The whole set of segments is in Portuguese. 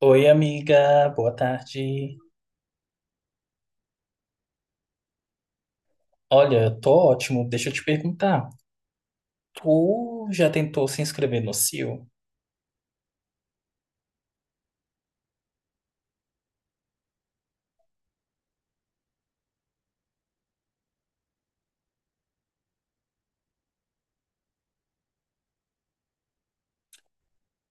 Oi, amiga, boa tarde. Olha, eu tô ótimo. Deixa eu te perguntar. Tu já tentou se inscrever no CIO?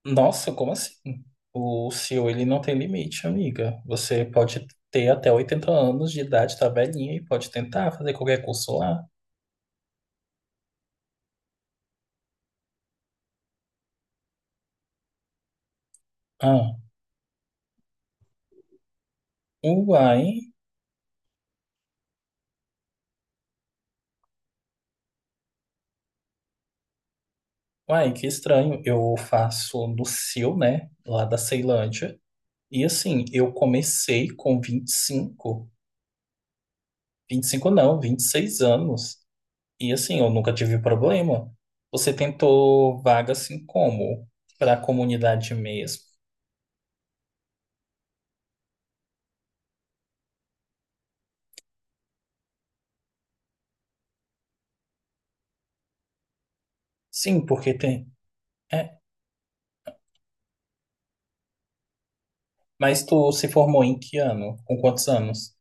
Nossa, como assim? O CIO, ele não tem limite, amiga. Você pode ter até 80 anos de idade, tá velhinha, e pode tentar fazer qualquer curso lá. Ah, uai, uai, que estranho. Eu faço no CIO, né? Lá da Ceilândia. E assim, eu comecei com 25, 25 não, 26 anos. E assim, eu nunca tive problema. Você tentou vaga assim como? Para a comunidade mesmo? Sim, porque tem. É. Mas tu se formou em que ano? Com quantos anos?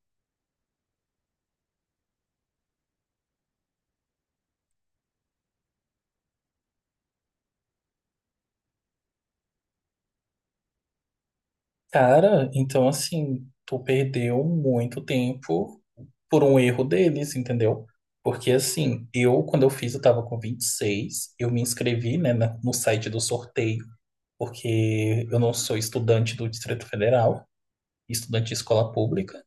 Cara, então assim, tu perdeu muito tempo por um erro deles, entendeu? Porque assim, quando eu fiz, eu tava com 26 eu me inscrevi, né, no site do sorteio, porque eu não sou estudante do Distrito Federal, estudante de escola pública.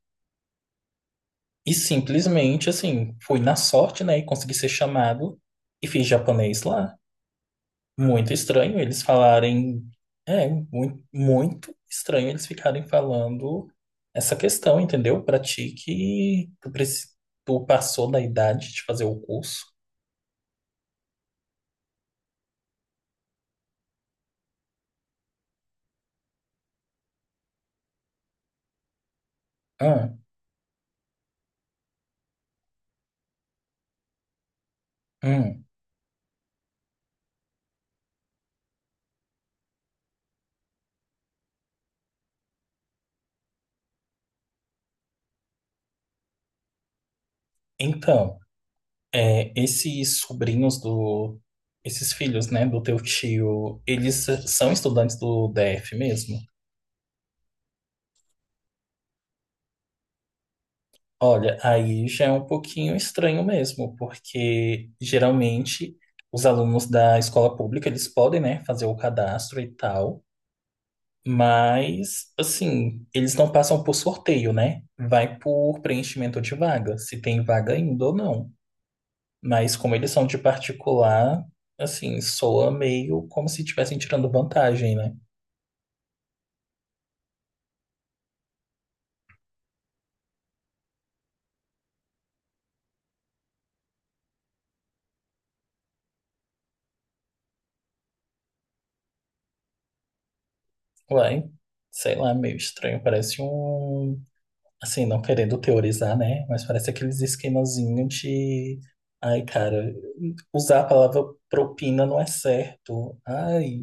E simplesmente, assim, fui na sorte, né? E consegui ser chamado e fiz japonês lá. Muito estranho eles falarem. É, muito, muito estranho eles ficarem falando essa questão, entendeu? Pra ti que tu passou da idade de fazer o curso. Ah, hum. Então, é, esses sobrinhos do. Esses filhos, né, do teu tio, eles são estudantes do DF mesmo? Olha, aí já é um pouquinho estranho mesmo, porque geralmente os alunos da escola pública, eles podem, né, fazer o cadastro e tal, mas assim, eles não passam por sorteio, né? Vai por preenchimento de vaga, se tem vaga ainda ou não. Mas como eles são de particular, assim, soa meio como se estivessem tirando vantagem, né? Uai, sei lá, meio estranho, parece um. Assim, não querendo teorizar, né? Mas parece aqueles esquemazinhos de. Ai, cara, usar a palavra propina não é certo. Ai.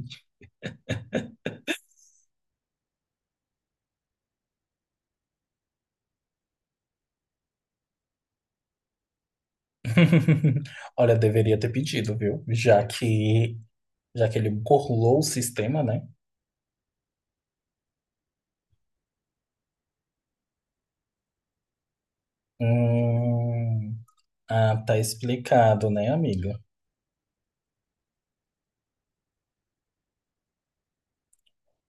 Olha, deveria ter pedido, viu? Já que ele burlou o sistema, né? Hum, ah, tá explicado, né, amiga?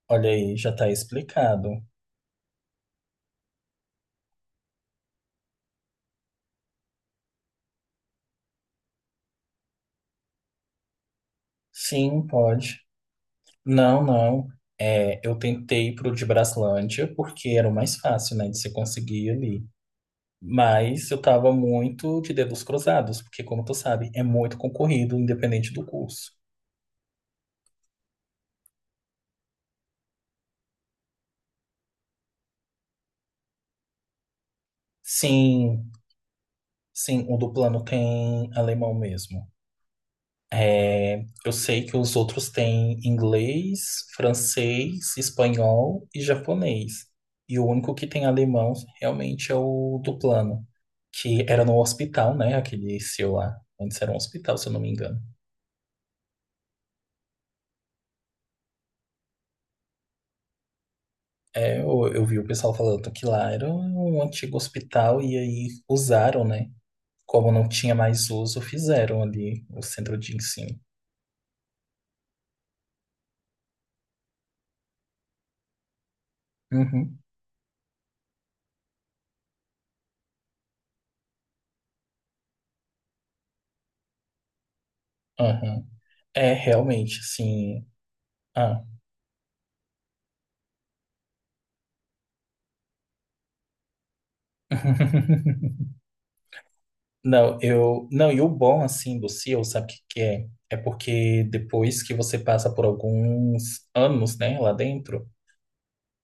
Olha aí, já tá explicado. Sim, pode. Não, não. É, eu tentei pro de Braslândia porque era o mais fácil, né, de se conseguir ali. Mas eu tava muito de dedos cruzados, porque, como tu sabe, é muito concorrido, independente do curso. Sim, sim, o do plano tem alemão mesmo. É, eu sei que os outros têm inglês, francês, espanhol e japonês. E o único que tem alemão realmente é o do plano, que era no hospital, né? Aquele seu lá. Antes era um hospital, se eu não me engano. É, eu vi o pessoal falando que lá era um antigo hospital e aí usaram, né? Como não tinha mais uso, fizeram ali o centro de ensino. Uhum. Aham. É, realmente, assim. Ah. Não, eu. Não, e o bom, assim, do CIO, sabe o que que é? É porque depois que você passa por alguns anos, né, lá dentro,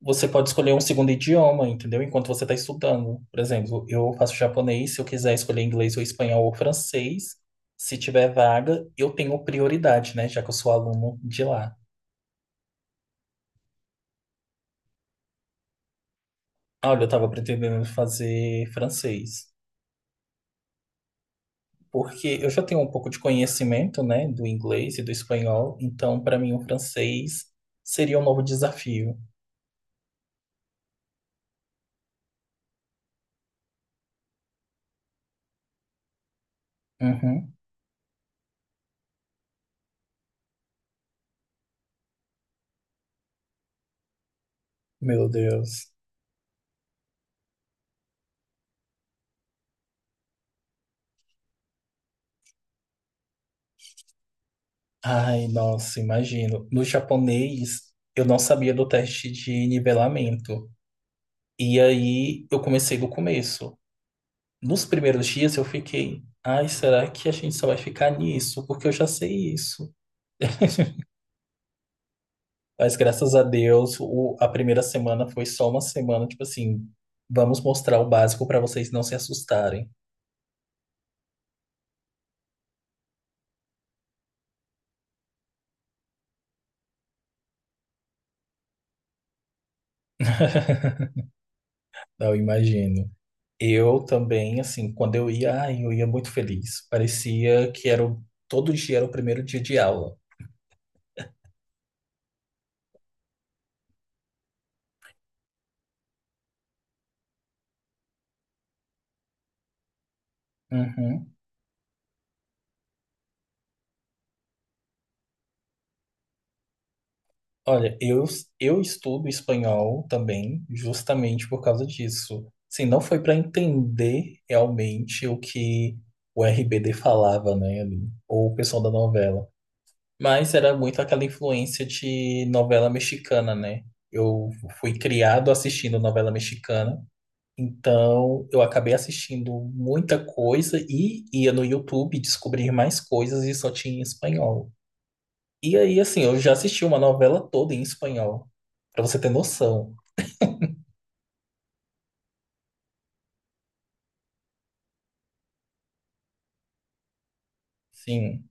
você pode escolher um segundo idioma, entendeu? Enquanto você está estudando. Por exemplo, eu faço japonês, se eu quiser escolher inglês ou espanhol ou francês, se tiver vaga, eu tenho prioridade, né, já que eu sou aluno de lá. Olha, eu estava pretendendo fazer francês, porque eu já tenho um pouco de conhecimento, né, do inglês e do espanhol, então para mim o francês seria um novo desafio. Uhum. Meu Deus. Ai, nossa, imagino. No japonês, eu não sabia do teste de nivelamento. E aí eu comecei do começo. Nos primeiros dias eu fiquei, ai, será que a gente só vai ficar nisso? Porque eu já sei isso. Mas graças a Deus, a primeira semana foi só uma semana, tipo assim, vamos mostrar o básico para vocês não se assustarem. Eu imagino. Eu também, assim, quando eu ia, ai, eu ia muito feliz. Parecia que era todo dia era o primeiro dia de aula. Uhum. Olha, eu estudo espanhol também, justamente por causa disso. Assim, não foi para entender realmente o que o RBD falava, né, ali, ou o pessoal da novela. Mas era muito aquela influência de novela mexicana, né? Eu fui criado assistindo novela mexicana, então eu acabei assistindo muita coisa e ia no YouTube descobrir mais coisas e só tinha em espanhol. E aí, assim, eu já assisti uma novela toda em espanhol, pra você ter noção. Sim.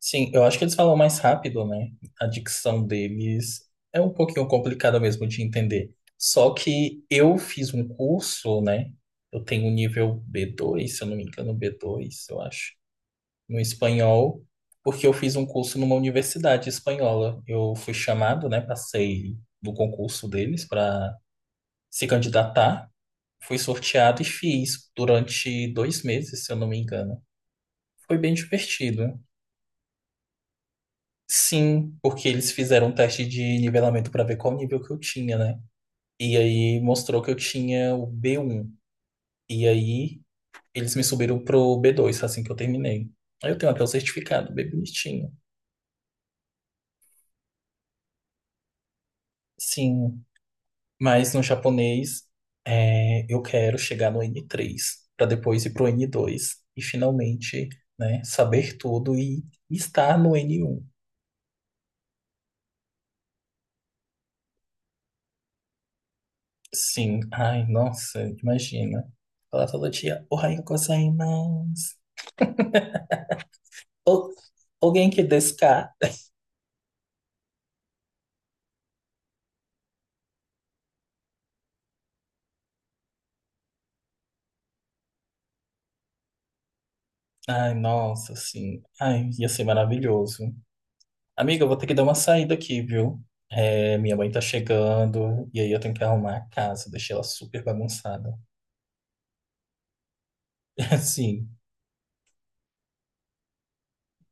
Sim, eu acho que eles falam mais rápido, né? A dicção deles é um pouquinho complicada mesmo de entender. Só que eu fiz um curso, né? Eu tenho um nível b dois se eu não me engano, b dois eu acho, no espanhol, porque eu fiz um curso numa universidade espanhola. Eu fui chamado, né? Passei no concurso deles para se candidatar. Fui sorteado e fiz durante 2 meses, se eu não me engano. Foi bem divertido. Sim, porque eles fizeram um teste de nivelamento para ver qual nível que eu tinha, né? E aí mostrou que eu tinha o B1. E aí eles me subiram pro B2 assim que eu terminei. Aí eu tenho até o certificado, bem bonitinho. Sim, mas no japonês é, eu quero chegar no N3 para depois ir pro N2 e finalmente, né, saber tudo e estar no N1. Sim, ai, nossa, imagina. Falar todo dia, "Ohayou gozaimasu." Ou, alguém que desca. Ai, nossa, assim. Ai, ia ser maravilhoso. Amiga, eu vou ter que dar uma saída aqui, viu? É, minha mãe tá chegando e aí eu tenho que arrumar a casa, deixei ela super bagunçada. Assim.